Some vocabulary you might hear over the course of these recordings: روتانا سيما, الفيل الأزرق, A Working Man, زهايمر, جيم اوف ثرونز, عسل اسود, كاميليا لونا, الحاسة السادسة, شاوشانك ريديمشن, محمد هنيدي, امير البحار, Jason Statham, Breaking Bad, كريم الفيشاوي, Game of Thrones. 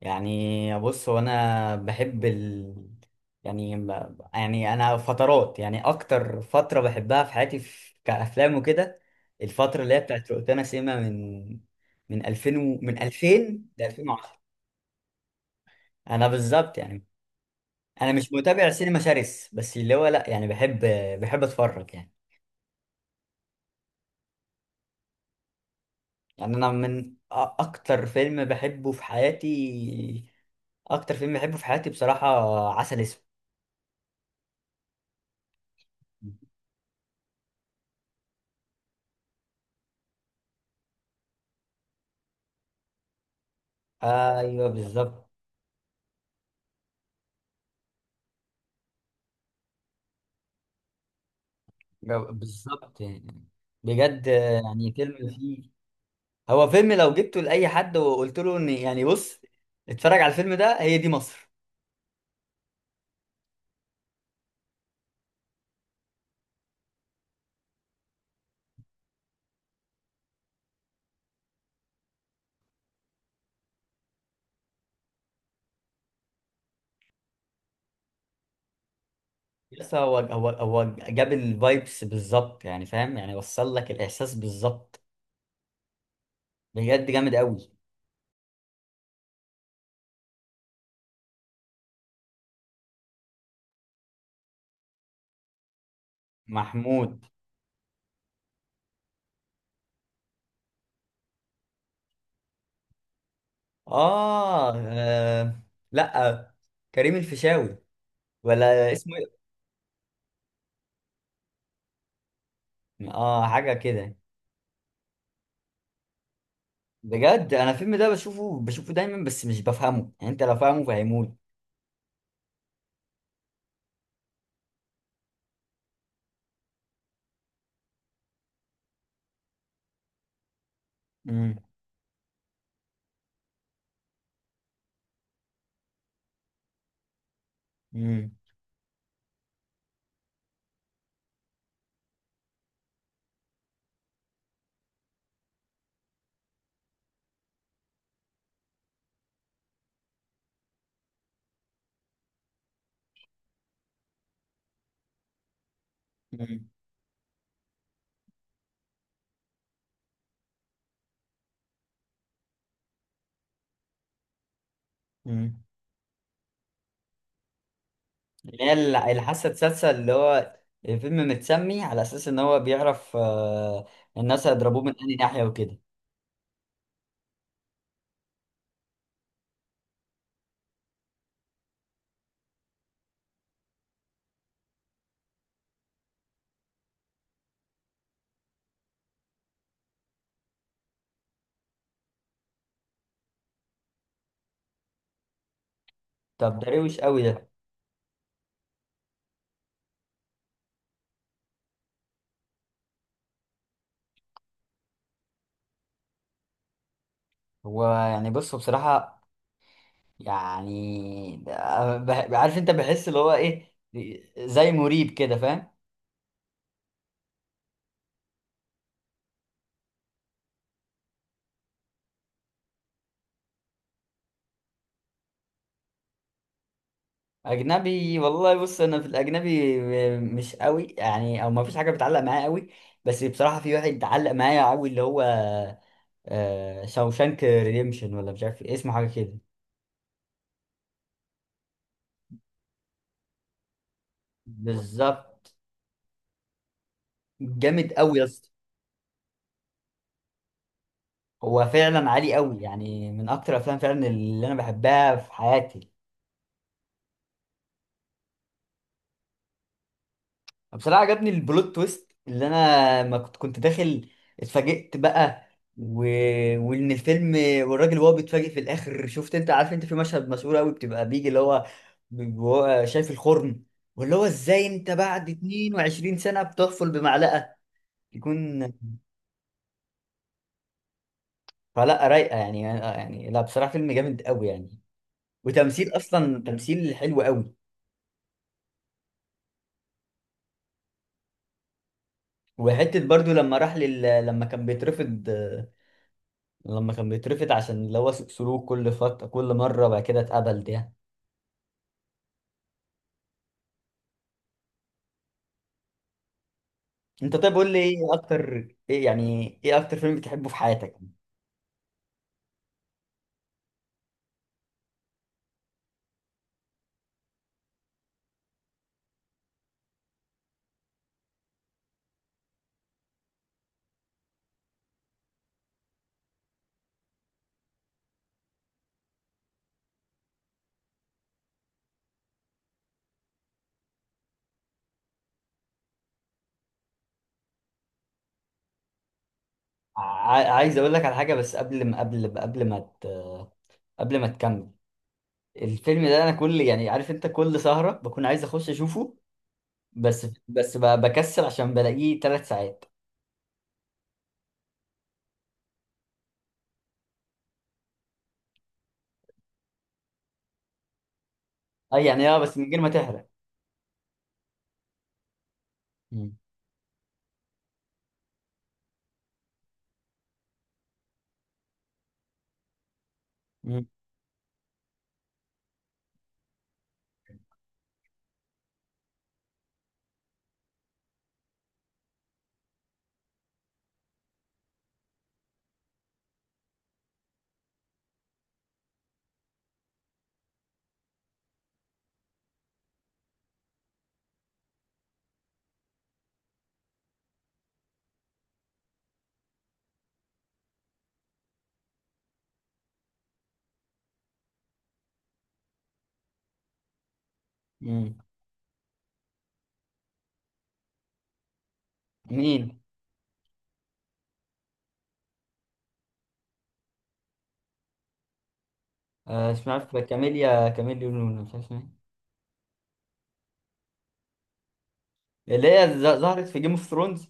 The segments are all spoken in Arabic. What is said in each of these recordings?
يعني، بص هو انا بحب يعني يعني انا فترات، يعني اكتر فتره بحبها في حياتي، كافلام وكده، الفتره اللي هي بتاعت روتانا سيما من 2000 ، من 2000 ل 2010، انا بالظبط يعني. انا مش متابع سينما شرس، بس اللي هو لا، يعني بحب اتفرج يعني. يعني انا من اكتر فيلم بحبه في حياتي، اكتر فيلم بحبه في حياتي بصراحه: عسل اسود. ايوه بالظبط. بالظبط يعني. بجد يعني، فيلم فيه. هو فيلم لو جبته لأي حد وقلت له ان، يعني بص اتفرج على الفيلم ده، هي دي مصر. بس هو جاب الفايبس بالظبط، يعني فاهم، يعني وصل لك الإحساس بالظبط. بجد جامد قوي. محمود. آه, آه. لا، كريم الفيشاوي، ولا اسمه إيه؟ اه، حاجة كده. بجد انا الفيلم ده بشوفه بشوفه دايما، بس مش بفهمه، يعني انت لو فاهمه فهموني. امم. امم. إمم. مم. اللي هي الحاسة السادسة، اللي هو الفيلم متسمي على أساس إن هو بيعرف الناس هيضربوه من أي ناحية وكده. طب ده روش قوي ده. هو يعني بص بصراحة، يعني عارف أنت بحس اللي هو إيه، زي مريب كده فاهم. أجنبي والله، بص أنا في الأجنبي مش قوي، يعني أو ما فيش حاجة بتعلق معايا قوي. بس بصراحة في واحد علق معايا قوي، اللي هو شاوشانك ريديمشن، ولا مش عارف إيه، اسمه حاجة كده. بالظبط. جامد قوي يا اسطى. هو فعلا عالي قوي، يعني من اكتر الافلام فعلا اللي انا بحبها في حياتي. بصراحه عجبني البلوت تويست، اللي انا ما كنت داخل، اتفاجئت بقى، و... وان الفيلم، والراجل وهو بيتفاجئ في الاخر، شفت انت عارف، انت في مشهد مشهور قوي بتبقى بيجي اللي هو وهو شايف الخرم، واللي هو ازاي انت بعد 22 سنه بتحفل بمعلقه يكون. فلا رايقه، يعني لا، بصراحه فيلم جامد قوي يعني، وتمثيل اصلا، تمثيل حلو قوي. وحته برضو، لما راح لما كان بيترفض، لما كان بيترفض عشان اللي هو سلوك، كل فتره، كل مره بعد كده اتقبل ده. انت طيب، قول لي ايه اكتر، ايه اكتر فيلم بتحبه في حياتك؟ عايز اقول لك على حاجه، بس قبل ما قبل قبل ما ت... قبل ما تكمل. الفيلم ده انا كل، يعني عارف انت، كل سهره بكون عايز اخش اشوفه. بس بكسل عشان بلاقيه ثلاث ساعات. اه يعني، اه بس من غير ما تحرق. مم. مم. مم. مين؟ اسمها عارف، كاميليا، كاميليا لونا، مش عارف اسمها. إيه. اللي هي ظهرت في جيم اوف ثرونز.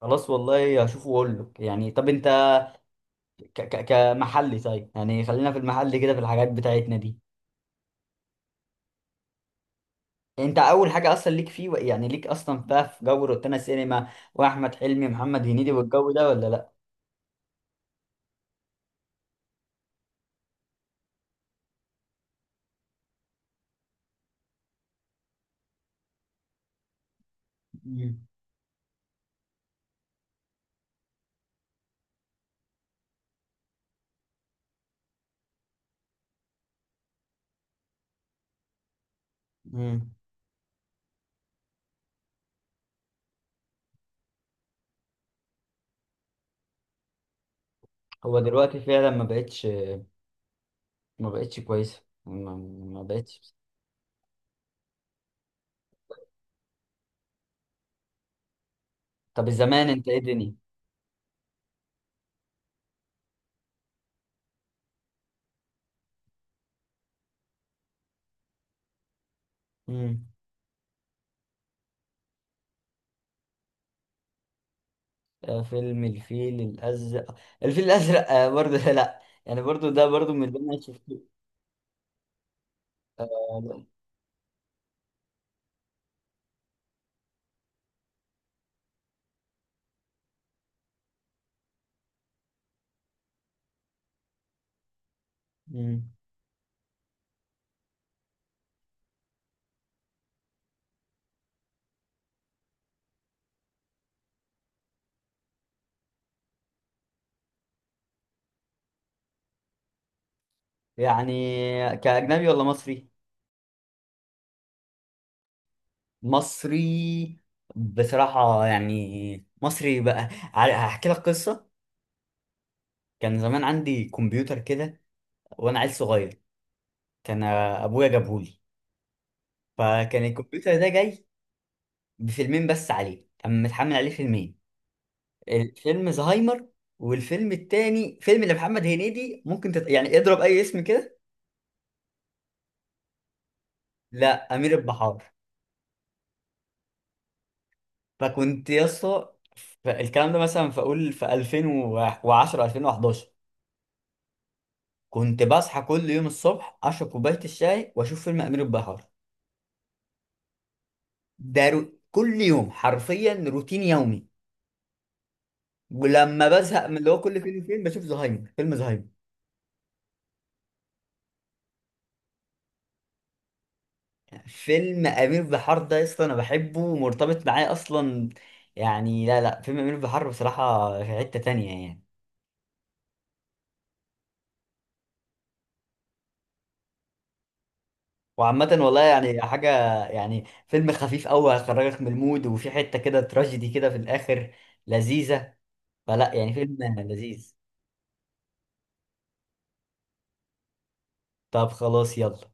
خلاص والله، هشوفه واقول لك يعني. طب انت، ك ك كمحلي، طيب يعني خلينا في المحل كده، في الحاجات بتاعتنا دي. انت اول حاجه اصلا ليك فيه، يعني ليك اصلا بقى في جو روتانا سينما، واحمد حلمي، محمد هنيدي والجو ده، ولا لا؟ مم. مم. هو دلوقتي فعلا ما بقتش كويسه، ما بقتش. طب الزمان انت، ايه الدنيا. آه، فيلم الفيل الأزرق. الفيل الأزرق برضه، لا يعني برضه، ده برضه من اللي أنا شفته. آه، لا. مم. يعني كأجنبي ولا مصري؟ مصري. بصراحة يعني مصري، بقى هحكي لك قصة. كان زمان عندي كمبيوتر كده، وأنا عيل صغير. كان أبويا جابهولي. فكان الكمبيوتر ده جاي بفيلمين بس عليه، كان متحمل عليه فيلمين. الفيلم زهايمر، والفيلم التاني فيلم لمحمد هنيدي، ممكن يعني اضرب اي اسم كده. لا، امير البحار. فكنت يا اسطى، الكلام ده مثلا، فاقول في 2010 2011 كنت بصحى كل يوم الصبح، اشرب كوبايه الشاي، واشوف فيلم امير البحار. ده رو... كل يوم حرفيا، روتين يومي. ولما بزهق من اللي هو كل فيلم، فيلم بشوف زهايمر، فيلم زهايمر. فيلم امير بحار ده يا اسطى انا بحبه، ومرتبط معايا اصلا، يعني. لا لا، فيلم امير بحار بصراحه في حته تانية يعني. وعامة والله يعني حاجة، يعني فيلم خفيف أوي، هيخرجك من المود، وفي حتة كده تراجيدي كده في الآخر، لذيذة. فلا يعني فيلم لذيذ. طب خلاص، يلا.